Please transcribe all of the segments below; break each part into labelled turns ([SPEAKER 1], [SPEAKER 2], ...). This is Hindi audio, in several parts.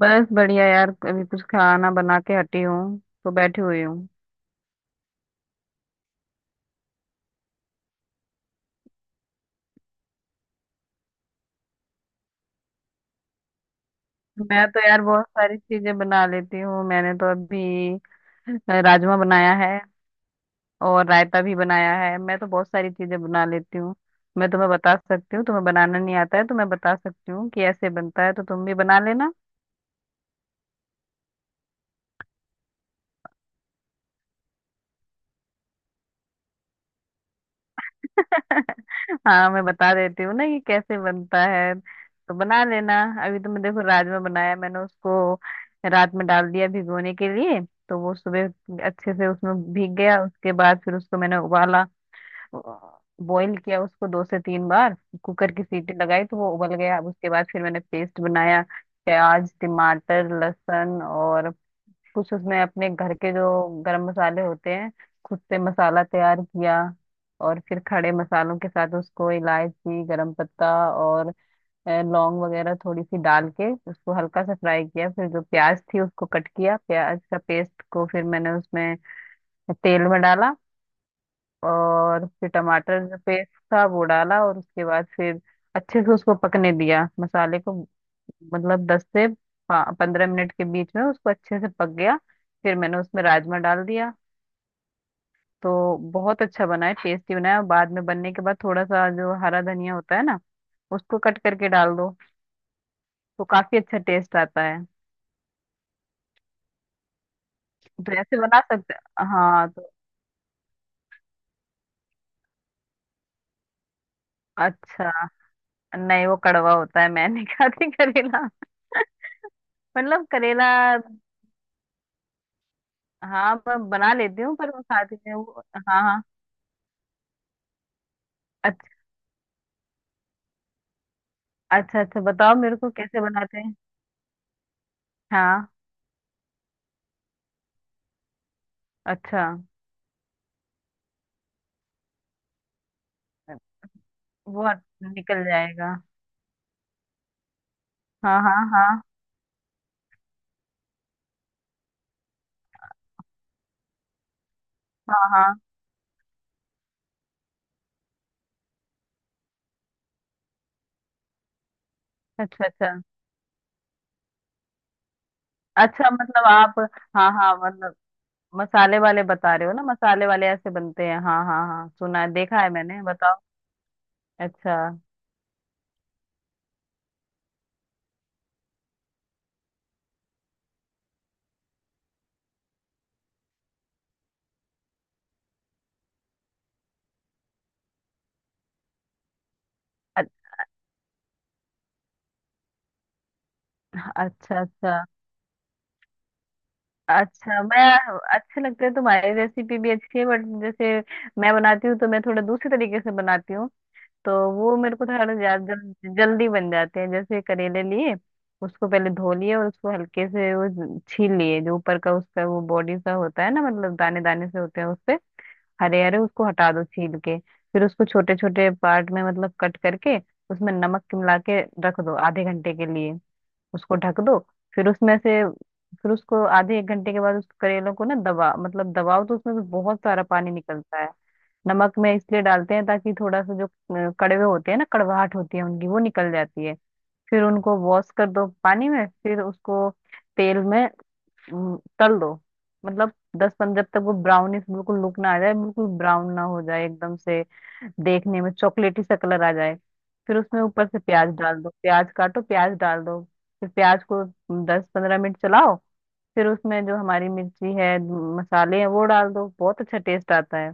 [SPEAKER 1] बस बढ़िया यार। अभी कुछ खाना बना के हटी हूँ तो बैठी हुई हूँ। मैं तो यार बहुत सारी चीजें बना लेती हूँ। मैंने तो अभी राजमा बनाया है और रायता भी बनाया है। मैं तो बहुत सारी चीजें बना लेती हूँ। मैं तुम्हें बता सकती हूँ, तुम्हें बनाना नहीं आता है तो मैं बता सकती हूँ कि ऐसे बनता है, तो तुम भी बना लेना। हाँ, मैं बता देती हूँ ना कि कैसे बनता है, तो बना लेना। अभी तो मैं देखो राजमा बनाया, मैंने उसको रात में डाल दिया भिगोने के लिए। तो वो सुबह अच्छे से उसमें भीग गया। उसके बाद फिर उसको मैंने उबाला, बॉईल किया उसको 2 से 3 बार। कुकर की सीटी लगाई तो वो उबल गया। अब उसके बाद फिर मैंने पेस्ट बनाया, प्याज टमाटर लहसुन, और कुछ उसमें अपने घर के जो गरम मसाले होते हैं, खुद से मसाला तैयार किया। और फिर खड़े मसालों के साथ उसको इलायची गरम पत्ता और लौंग वगैरह थोड़ी सी डाल के उसको हल्का सा फ्राई किया। फिर जो प्याज थी उसको कट किया, प्याज का पेस्ट को फिर मैंने उसमें तेल में डाला। और फिर टमाटर जो पेस्ट था वो डाला। और उसके बाद फिर अच्छे से उसको पकने दिया मसाले को, मतलब 10 से 15 मिनट के बीच में उसको अच्छे से पक गया। फिर मैंने उसमें राजमा डाल दिया। तो बहुत अच्छा बना है, टेस्टी बना है। और बाद में बनने के बाद थोड़ा सा जो हरा धनिया होता है ना, उसको कट करके डाल दो, तो काफी अच्छा टेस्ट आता है। तो ऐसे बना सकते। हाँ तो। अच्छा। नहीं, वो कड़वा होता है, मैं नहीं खाती करेला। मतलब करेला हाँ मैं बना लेती हूँ, पर वो खाती नहीं हूँ। हाँ हाँ। अच्छा अच्छा। अच्छा बताओ मेरे को कैसे बनाते हैं। हाँ। अच्छा। वो निकल जाएगा। हाँ हाँ हाँ। हाँ हाँ। अच्छा अच्छा। अच्छा मतलब आप। हाँ हाँ मतलब मसाले वाले बता रहे हो ना, मसाले वाले ऐसे बनते हैं, हाँ हाँ हाँ, सुना है, देखा है मैंने, बताओ। अच्छा। अ- अच्छा अच्छा। अच्छा मैं। अच्छे लगते हैं, तुम्हारी रेसिपी भी अच्छी है, बट जैसे मैं बनाती हूँ तो मैं थोड़ा दूसरे तरीके से बनाती हूँ। तो वो मेरे को थोड़ा ज्यादा जल्दी बन जाते हैं। जैसे करेले लिए उसको पहले धो लिए, और उसको हल्के से वो छील लिए। जो ऊपर का उसका वो बॉडी सा होता है ना, मतलब दाने दाने से होते हैं उससे, हरे हरे, उसको हटा दो छील के। फिर उसको छोटे छोटे पार्ट में मतलब कट करके उसमें नमक मिला के रख दो आधे घंटे के लिए, उसको ढक दो। फिर उसमें से, फिर उसको आधे एक घंटे के बाद उस करेलों को ना दबा, मतलब दबाओ तो उसमें से बहुत सारा पानी निकलता है। नमक में इसलिए डालते हैं ताकि थोड़ा सा जो कड़वे होते हैं ना, कड़वाहट होती है उनकी, वो निकल जाती है। फिर उनको वॉश कर दो पानी में, फिर उसको तेल में तल दो, मतलब 10 15, जब तक वो ब्राउनिश बिल्कुल लुक ना आ जाए, बिल्कुल ब्राउन ना हो जाए एकदम से, देखने में चॉकलेटी सा कलर आ जाए। फिर उसमें ऊपर से प्याज डाल दो, प्याज काटो, प्याज डाल दो। फिर प्याज को 10 15 मिनट चलाओ। फिर उसमें जो हमारी मिर्ची है, मसाले हैं वो डाल दो, बहुत अच्छा टेस्ट आता है।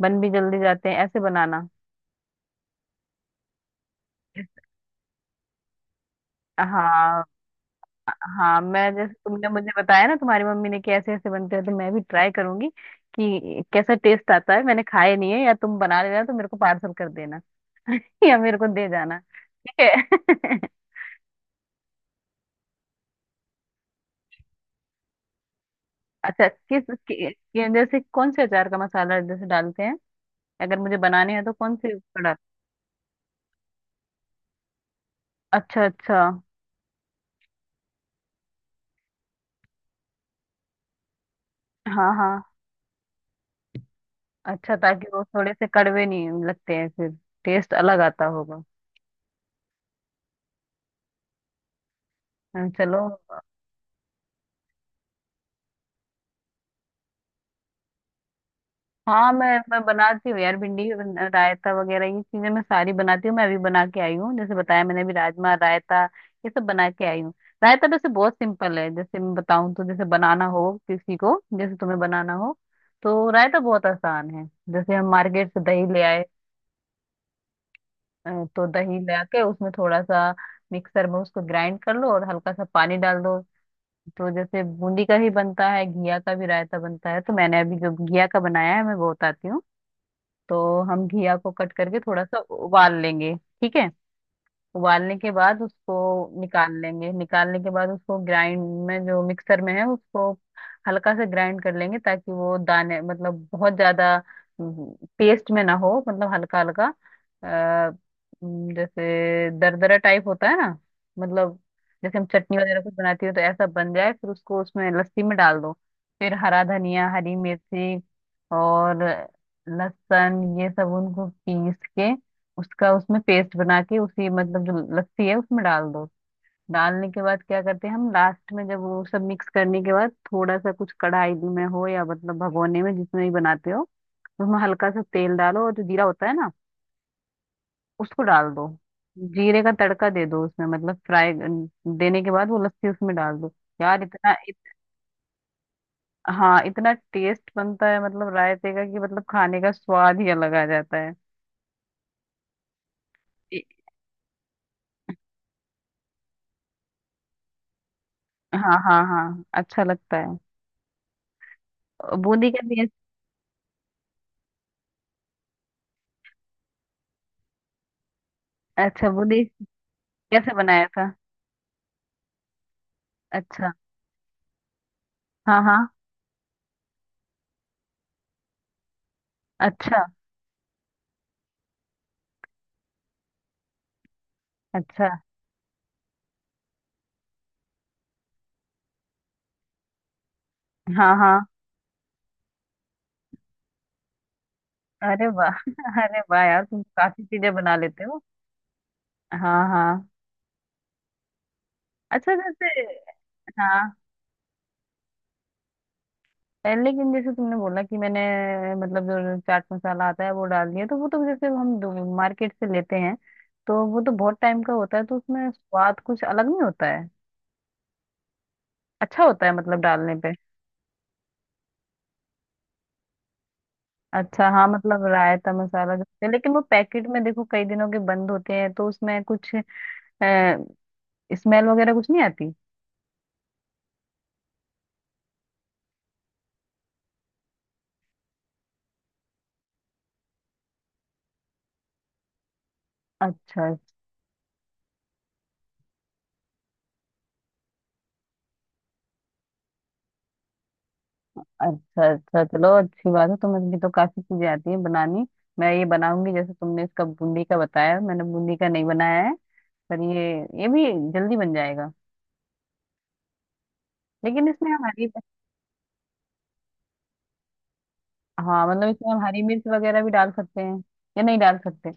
[SPEAKER 1] बन भी जल्दी जाते हैं ऐसे बनाना। हाँ। हाँ मैं, जैसे तुमने मुझे बताया ना तुम्हारी मम्मी ने कि ऐसे ऐसे बनते हैं, तो मैं भी ट्राई करूंगी कि कैसा टेस्ट आता है। मैंने खाए नहीं है। या तुम बना लेना तो मेरे को पार्सल कर देना। या मेरे को दे जाना, ठीक है। अच्छा किस, जैसे कौन से अचार का मसाला जैसे डालते हैं, अगर मुझे बनाने हैं तो कौन से उसका डाल। अच्छा अच्छा। हाँ हाँ। अच्छा ताकि वो थोड़े से कड़वे नहीं लगते हैं फिर, टेस्ट अलग आता होगा। हाँ, चलो। हाँ मैं, बनाती हूँ यार। भिंडी का रायता वगैरह ये चीजें मैं सारी बनाती हूँ, मैं अभी बना के आई हूँ, जैसे बताया मैंने अभी राजमा रायता ये सब बना के आई हूँ। रायता वैसे बहुत सिंपल है, जैसे मैं बताऊँ तो, जैसे बनाना हो किसी को, जैसे तुम्हें बनाना हो तो रायता बहुत आसान है। जैसे हम मार्केट से दही ले आए, तो दही ले आके उसमें थोड़ा सा मिक्सर में उसको ग्राइंड कर लो और हल्का सा पानी डाल दो। तो जैसे बूंदी का भी बनता है, घिया का भी रायता बनता है, तो मैंने अभी जो घिया का बनाया है मैं वो बताती हूँ। तो हम घिया को कट करके थोड़ा सा उबाल लेंगे, ठीक है। उबालने के बाद उसको निकाल लेंगे, निकालने के बाद उसको ग्राइंड में, जो मिक्सर में है उसको हल्का से ग्राइंड कर लेंगे, ताकि वो दाने मतलब बहुत ज्यादा पेस्ट में ना हो, मतलब हल्का हल्का अ, जैसे दरदरा टाइप होता है ना, मतलब जैसे हम चटनी वगैरह कुछ बनाती हो तो ऐसा बन जाए। फिर उसको उसमें लस्सी में डाल दो। फिर हरा धनिया हरी मिर्ची और लहसुन ये सब उनको पीस के उसका उसमें पेस्ट बना के उसी मतलब जो लस्सी है उसमें डाल दो। डालने के बाद क्या करते हैं, हम लास्ट में जब वो सब मिक्स करने के बाद, थोड़ा सा कुछ कढ़ाई में हो या मतलब भगोने में, जिसमें भी बनाते हो उसमें हल्का सा तेल डालो, और जो जीरा होता है ना उसको डाल दो, जीरे का तड़का दे दो उसमें, मतलब फ्राई देने के बाद वो लस्सी उसमें डाल दो। यार हाँ इतना टेस्ट बनता है मतलब रायते का, कि मतलब खाने का स्वाद ही अलग आ जाता है। इ- हाँ हाँ हाँ अच्छा लगता है। बूंदी का भी। अच्छा बूंदी कैसे बनाया था। अच्छा। हाँ हाँ। अच्छा अच्छा। हाँ हाँ। अरे वाह। अरे वाह यार, तुम काफी चीजें बना लेते हो। हाँ हाँ। अच्छा जैसे, हाँ लेकिन जैसे तुमने बोला कि मैंने, मतलब जो चाट मसाला आता है वो डाल दिया, तो वो तो जैसे हम मार्केट से लेते हैं तो वो तो बहुत टाइम का होता है, तो उसमें स्वाद कुछ अलग नहीं होता है। अच्छा होता है मतलब डालने पे। अच्छा हाँ मतलब रायता मसाला जो होते हैं, लेकिन वो पैकेट में देखो कई दिनों के बंद होते हैं, तो उसमें कुछ स्मेल वगैरह कुछ नहीं आती। अच्छा। अच्छा। अच्छा चलो, अच्छी बात है, तुम्हें भी तो काफी चीजें आती हैं बनानी। मैं ये बनाऊंगी जैसे तुमने इसका बूंदी का बताया, मैंने बूंदी का नहीं बनाया है, पर ये भी जल्दी बन जाएगा। लेकिन इसमें हम हरी, हाँ मतलब इसमें हम हरी मिर्च वगैरह भी डाल सकते हैं या नहीं डाल सकते।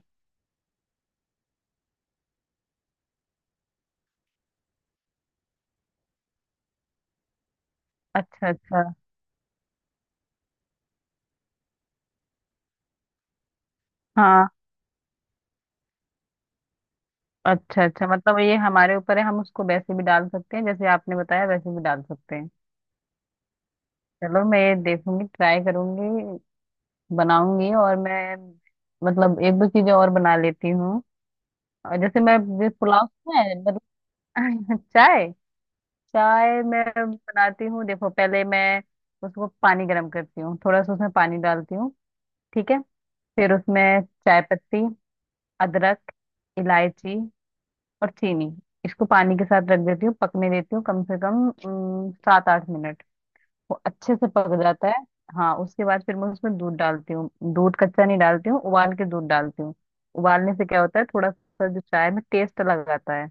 [SPEAKER 1] अच्छा अच्छा। हाँ। अच्छा अच्छा मतलब ये हमारे ऊपर है, हम उसको वैसे भी डाल सकते हैं जैसे आपने बताया, वैसे भी डाल सकते हैं। चलो मैं ये देखूंगी, ट्राई करूंगी, बनाऊंगी। और मैं मतलब एक दो चीजें और बना लेती हूँ। और जैसे मैं जैसे पुलाव है मतलब। चाय। चाय मैं बनाती हूँ देखो। पहले मैं उसको पानी गर्म करती हूँ, थोड़ा सा उसमें पानी डालती हूँ, ठीक है। फिर उसमें चाय पत्ती, अदरक, इलायची और चीनी, इसको पानी के साथ रख देती हूँ, पकने देती हूँ कम से कम 7 8 मिनट। वो अच्छे से पक जाता है हाँ। उसके बाद फिर मैं उसमें दूध डालती हूँ। दूध कच्चा नहीं डालती हूँ, उबाल के दूध डालती हूँ। उबालने से क्या होता है, थोड़ा सा जो चाय में टेस्ट लगाता है।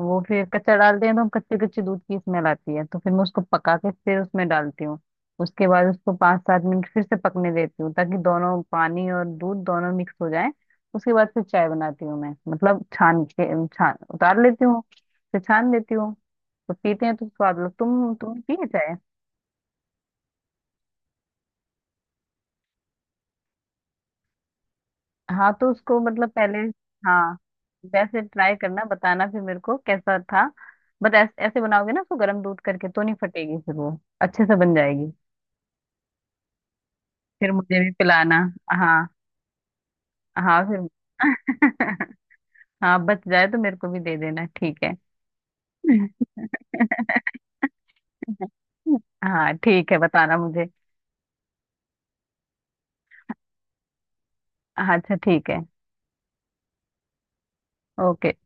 [SPEAKER 1] वो फिर कच्चा डालते हैं तो हम, कच्चे कच्चे दूध की स्मेल आती है, तो फिर मैं उसको पका के फिर उसमें डालती हूँ। उसके बाद उसको 5 7 मिनट फिर से पकने देती हूँ ताकि दोनों पानी और दूध दोनों मिक्स हो जाए। उसके बाद फिर चाय बनाती हूँ मैं, मतलब छान के छान उतार लेती हूँ, फिर छान लेती हूँ। तो पीते हैं तो स्वाद लो, तुम पिए चाय। हाँ तो उसको मतलब पहले, हाँ वैसे ट्राई करना, बताना फिर मेरे को कैसा था। बट ऐसे बनाओगे ना उसको गर्म दूध करके तो नहीं फटेगी फिर वो, अच्छे से बन जाएगी। फिर मुझे भी पिलाना। हाँ हाँ फिर। हाँ बच जाए तो मेरे को भी दे देना, ठीक है। हाँ ठीक है, बताना मुझे। हाँ, अच्छा ठीक है। ओके।